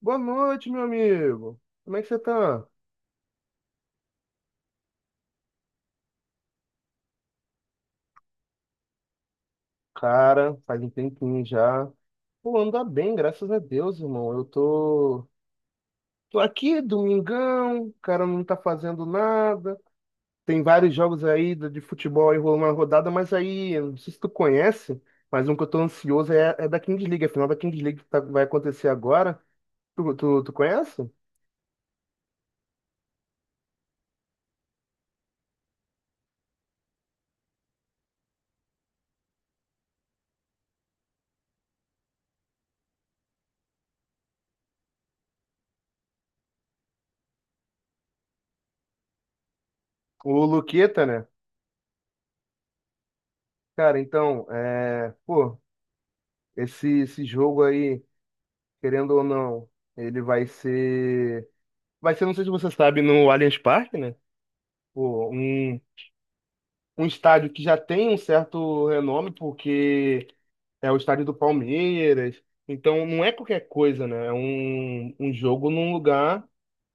Boa noite, meu amigo. Como é que você tá? Cara, faz um tempinho já. Pô, anda bem, graças a Deus, irmão. Tô aqui, domingão, o cara não tá fazendo nada. Tem vários jogos aí de futebol aí rolando na rodada, mas aí, eu não sei se tu conhece, mas um que eu tô ansioso é da Kings League. A final da Kings League vai acontecer agora. Tu conhece? O Luqueta, né? Cara, esse jogo aí, querendo ou não, ele vai ser. Vai ser, não sei se você sabe, no Allianz Parque, né? Pô, um estádio que já tem um certo renome, porque é o estádio do Palmeiras. Então, não é qualquer coisa, né? É um jogo num lugar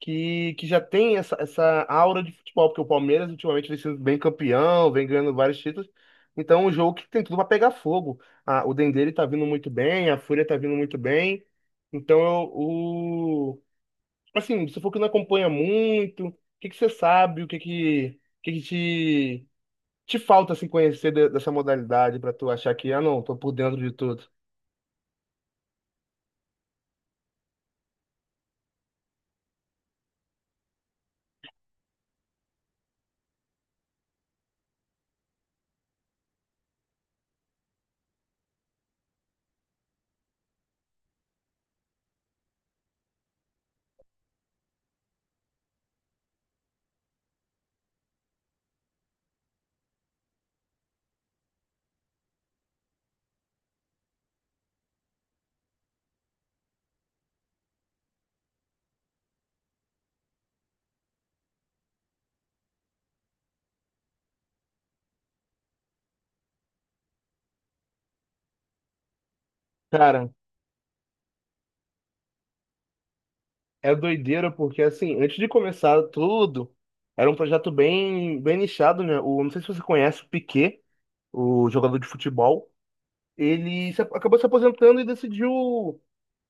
que já tem essa aura de futebol, porque o Palmeiras ultimamente vem sendo bem campeão, vem ganhando vários títulos. Então, é um jogo que tem tudo para pegar fogo. Ah, o Dendê ele tá vindo muito bem, a Fúria tá vindo muito bem. Então, eu, Assim, você falou que não acompanha muito. O que que você sabe? O que que te falta assim, conhecer dessa modalidade para tu achar que, ah, não, tô por dentro de tudo? Cara, é doideira porque, assim, antes de começar tudo, era um projeto bem nichado, né? O, não sei se você conhece o Piquet, o jogador de futebol. Ele se, Acabou se aposentando e decidiu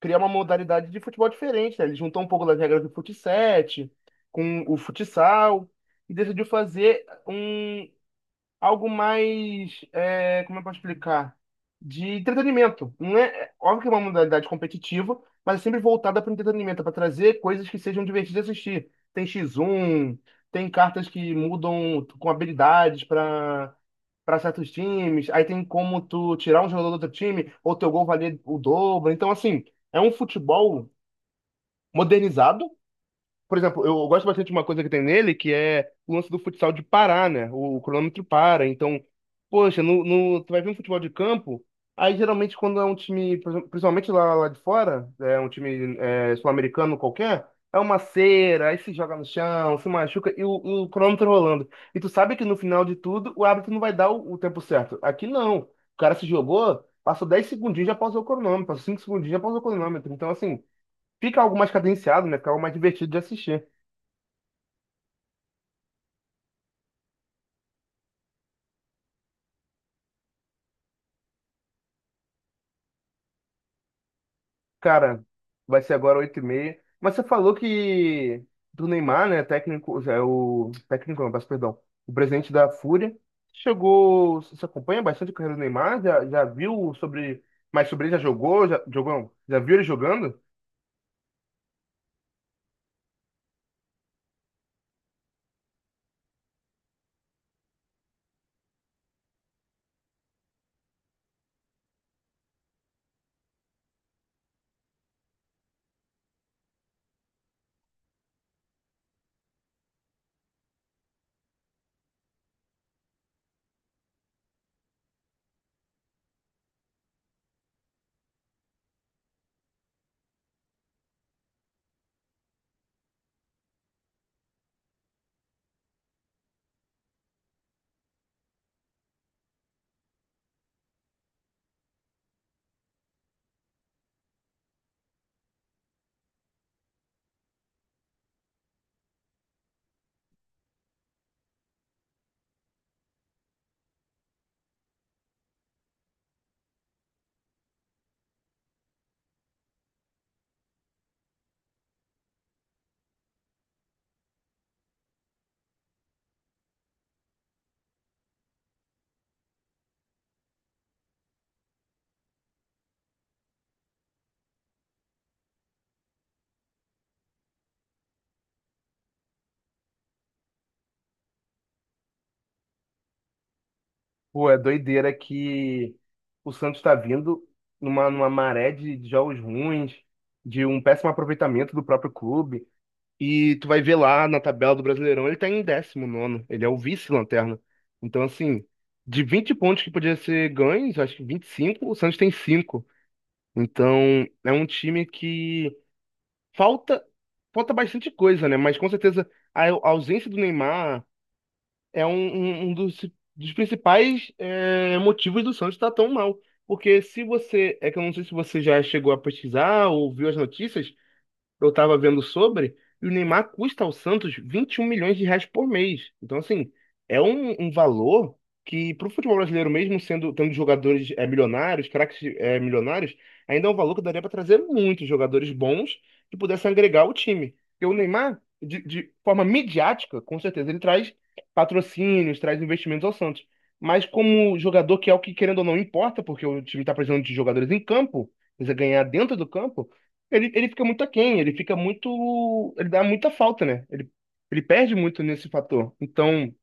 criar uma modalidade de futebol diferente, né? Ele juntou um pouco das regras do fut sete com o futsal e decidiu fazer algo mais, como eu posso explicar? De entretenimento. Não é, é, Óbvio que é uma modalidade competitiva, mas é sempre voltada para o entretenimento, é para trazer coisas que sejam divertidas de assistir. Tem X1, tem cartas que mudam com habilidades para certos times, aí tem como tu tirar um jogador do outro time, ou teu gol valer o dobro. Então, assim, é um futebol modernizado. Por exemplo, eu gosto bastante de uma coisa que tem nele, que é o lance do futsal de parar, né? O cronômetro para. Então, poxa, no, no, tu vai ver um futebol de campo, aí geralmente quando é um time, por exemplo, principalmente lá de fora, é um time sul-americano qualquer, é uma cera, aí se joga no chão, se machuca e o cronômetro rolando. E tu sabe que no final de tudo, o árbitro não vai dar o tempo certo. Aqui não. O cara se jogou, passou 10 segundinhos, já pausou o cronômetro, passou 5 segundinhos, já pausou o cronômetro. Então, assim, fica algo mais cadenciado, né? Fica algo mais divertido de assistir. Cara, vai ser agora 8h30. Mas você falou que do Neymar, né? Técnico, é o técnico, não, peço perdão. O presidente da Fúria. Chegou. Você acompanha bastante a carreira do Neymar? Já viu sobre, mais sobre ele já jogou? Já, jogou? Não, Já viu ele jogando? Pô, é doideira que o Santos está vindo numa maré de jogos ruins, de um péssimo aproveitamento do próprio clube. E tu vai ver lá na tabela do Brasileirão, ele tá em décimo nono, ele é o vice-lanterna. Então, assim, de 20 pontos que podia ser ganhos, acho que 25, o Santos tem 5. Então, é um time que falta falta bastante coisa, né? Mas com certeza a ausência do Neymar é um dos principais motivos do Santos estar tão mal. Porque se você, é que eu não sei se você já chegou a pesquisar ou viu as notícias, eu tava vendo sobre, e o Neymar custa ao Santos 21 milhões de reais por mês. Então, assim, é um valor que, pro futebol brasileiro, mesmo sendo tendo jogadores milionários, craques milionários, ainda é um valor que daria para trazer muitos jogadores bons que pudessem agregar o time. Porque o Neymar, de forma midiática, com certeza, ele traz patrocínios, traz investimentos ao Santos. Mas como jogador, que é o que, querendo ou não, importa, porque o time está precisando de jogadores em campo, precisa ganhar dentro do campo. Ele fica muito aquém, ele fica muito. Ele dá muita falta, né? Ele perde muito nesse fator. Então,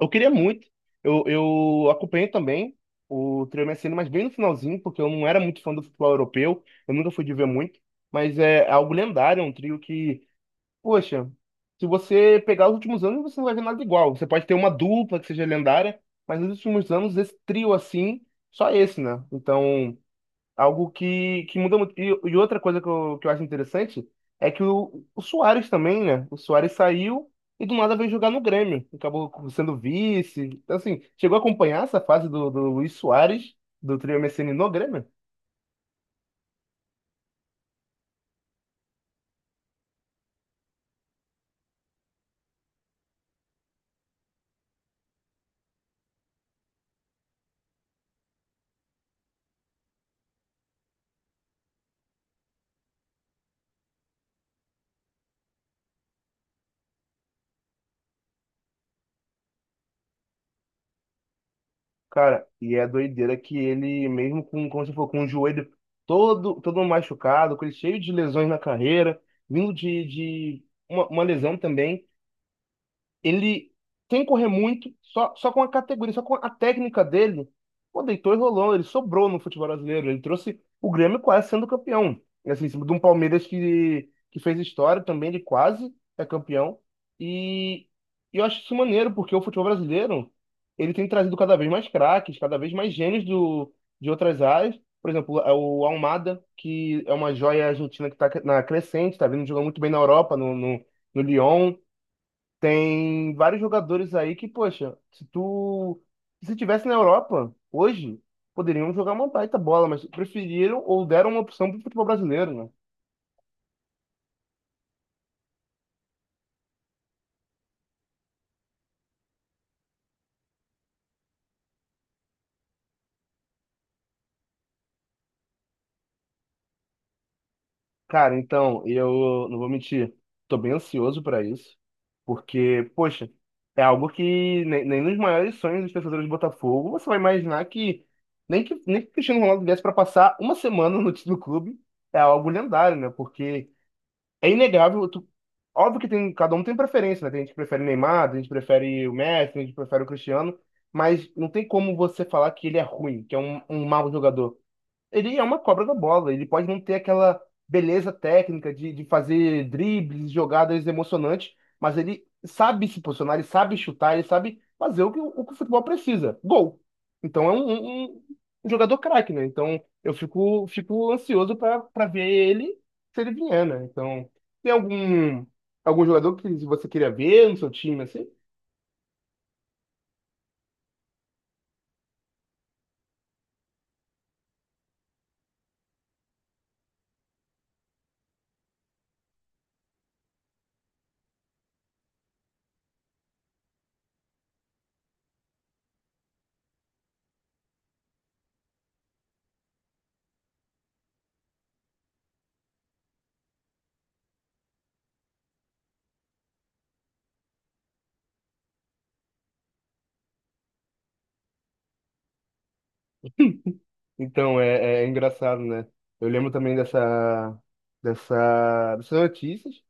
eu queria muito. Eu acompanhei também o Trio MSN, mas bem no finalzinho, porque eu não era muito fã do futebol europeu, eu nunca fui de ver muito. Mas é algo lendário, é um trio que, poxa, se você pegar os últimos anos, você não vai ver nada igual. Você pode ter uma dupla que seja lendária, mas nos últimos anos, esse trio assim, só esse, né? Então, algo que muda muito. E outra coisa que eu acho interessante é o Suárez também, né? O Suárez saiu e do nada veio jogar no Grêmio. Acabou sendo vice. Então, assim, chegou a acompanhar essa fase do Luis Suárez, do trio MSN no Grêmio? Cara, e é doideira que ele, mesmo com, como você falou, com o joelho todo machucado, com ele cheio de lesões na carreira, vindo de uma lesão também, ele, sem correr muito, só com a categoria, só com a técnica dele, pô, deitou e rolou. Ele sobrou no futebol brasileiro. Ele trouxe o Grêmio quase sendo campeão. E, assim, em cima de um Palmeiras que fez história também, ele quase é campeão. E, e eu acho isso maneiro, porque o futebol brasileiro, ele tem trazido cada vez mais craques, cada vez mais gênios de outras áreas. Por exemplo, é o Almada, que é uma joia argentina que está na crescente, está vindo jogando muito bem na Europa, no Lyon. Tem vários jogadores aí que, poxa, se tivesse na Europa hoje, poderiam jogar uma baita bola, mas preferiram ou deram uma opção pro futebol brasileiro, né? Cara, então, eu não vou mentir, tô bem ansioso pra isso, porque, poxa, é algo que nem, nem nos maiores sonhos dos torcedores do Botafogo você vai imaginar que nem que nem que o Cristiano Ronaldo viesse pra passar uma semana no, no clube, é algo lendário, né? Porque é inegável. Óbvio que tem, cada um tem preferência, né? Tem gente que prefere o Neymar, tem gente que prefere o Messi, tem gente que prefere o Cristiano, mas não tem como você falar que ele é ruim, que é um mau jogador. Ele é uma cobra da bola, ele pode não ter aquela beleza técnica de fazer dribles, jogadas emocionantes, mas ele sabe se posicionar, ele sabe chutar, ele sabe fazer o que que o futebol precisa, gol. Então é um jogador craque, né? Então eu fico ansioso para ver ele, se ele vier, né? Então tem algum jogador que você queria ver no seu time assim? Então é, é engraçado, né? Eu lembro também dessas notícias.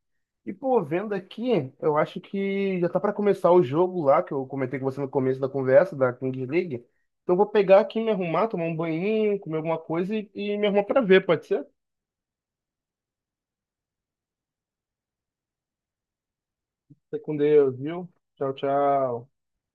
E, pô, vendo aqui, eu acho que já tá pra começar o jogo lá, que eu comentei com você no começo da conversa, da Kings League. Então, eu vou pegar aqui, me arrumar, tomar um banhinho, comer alguma coisa e me arrumar pra ver, pode ser? Fica com Deus, viu? Tchau, tchau.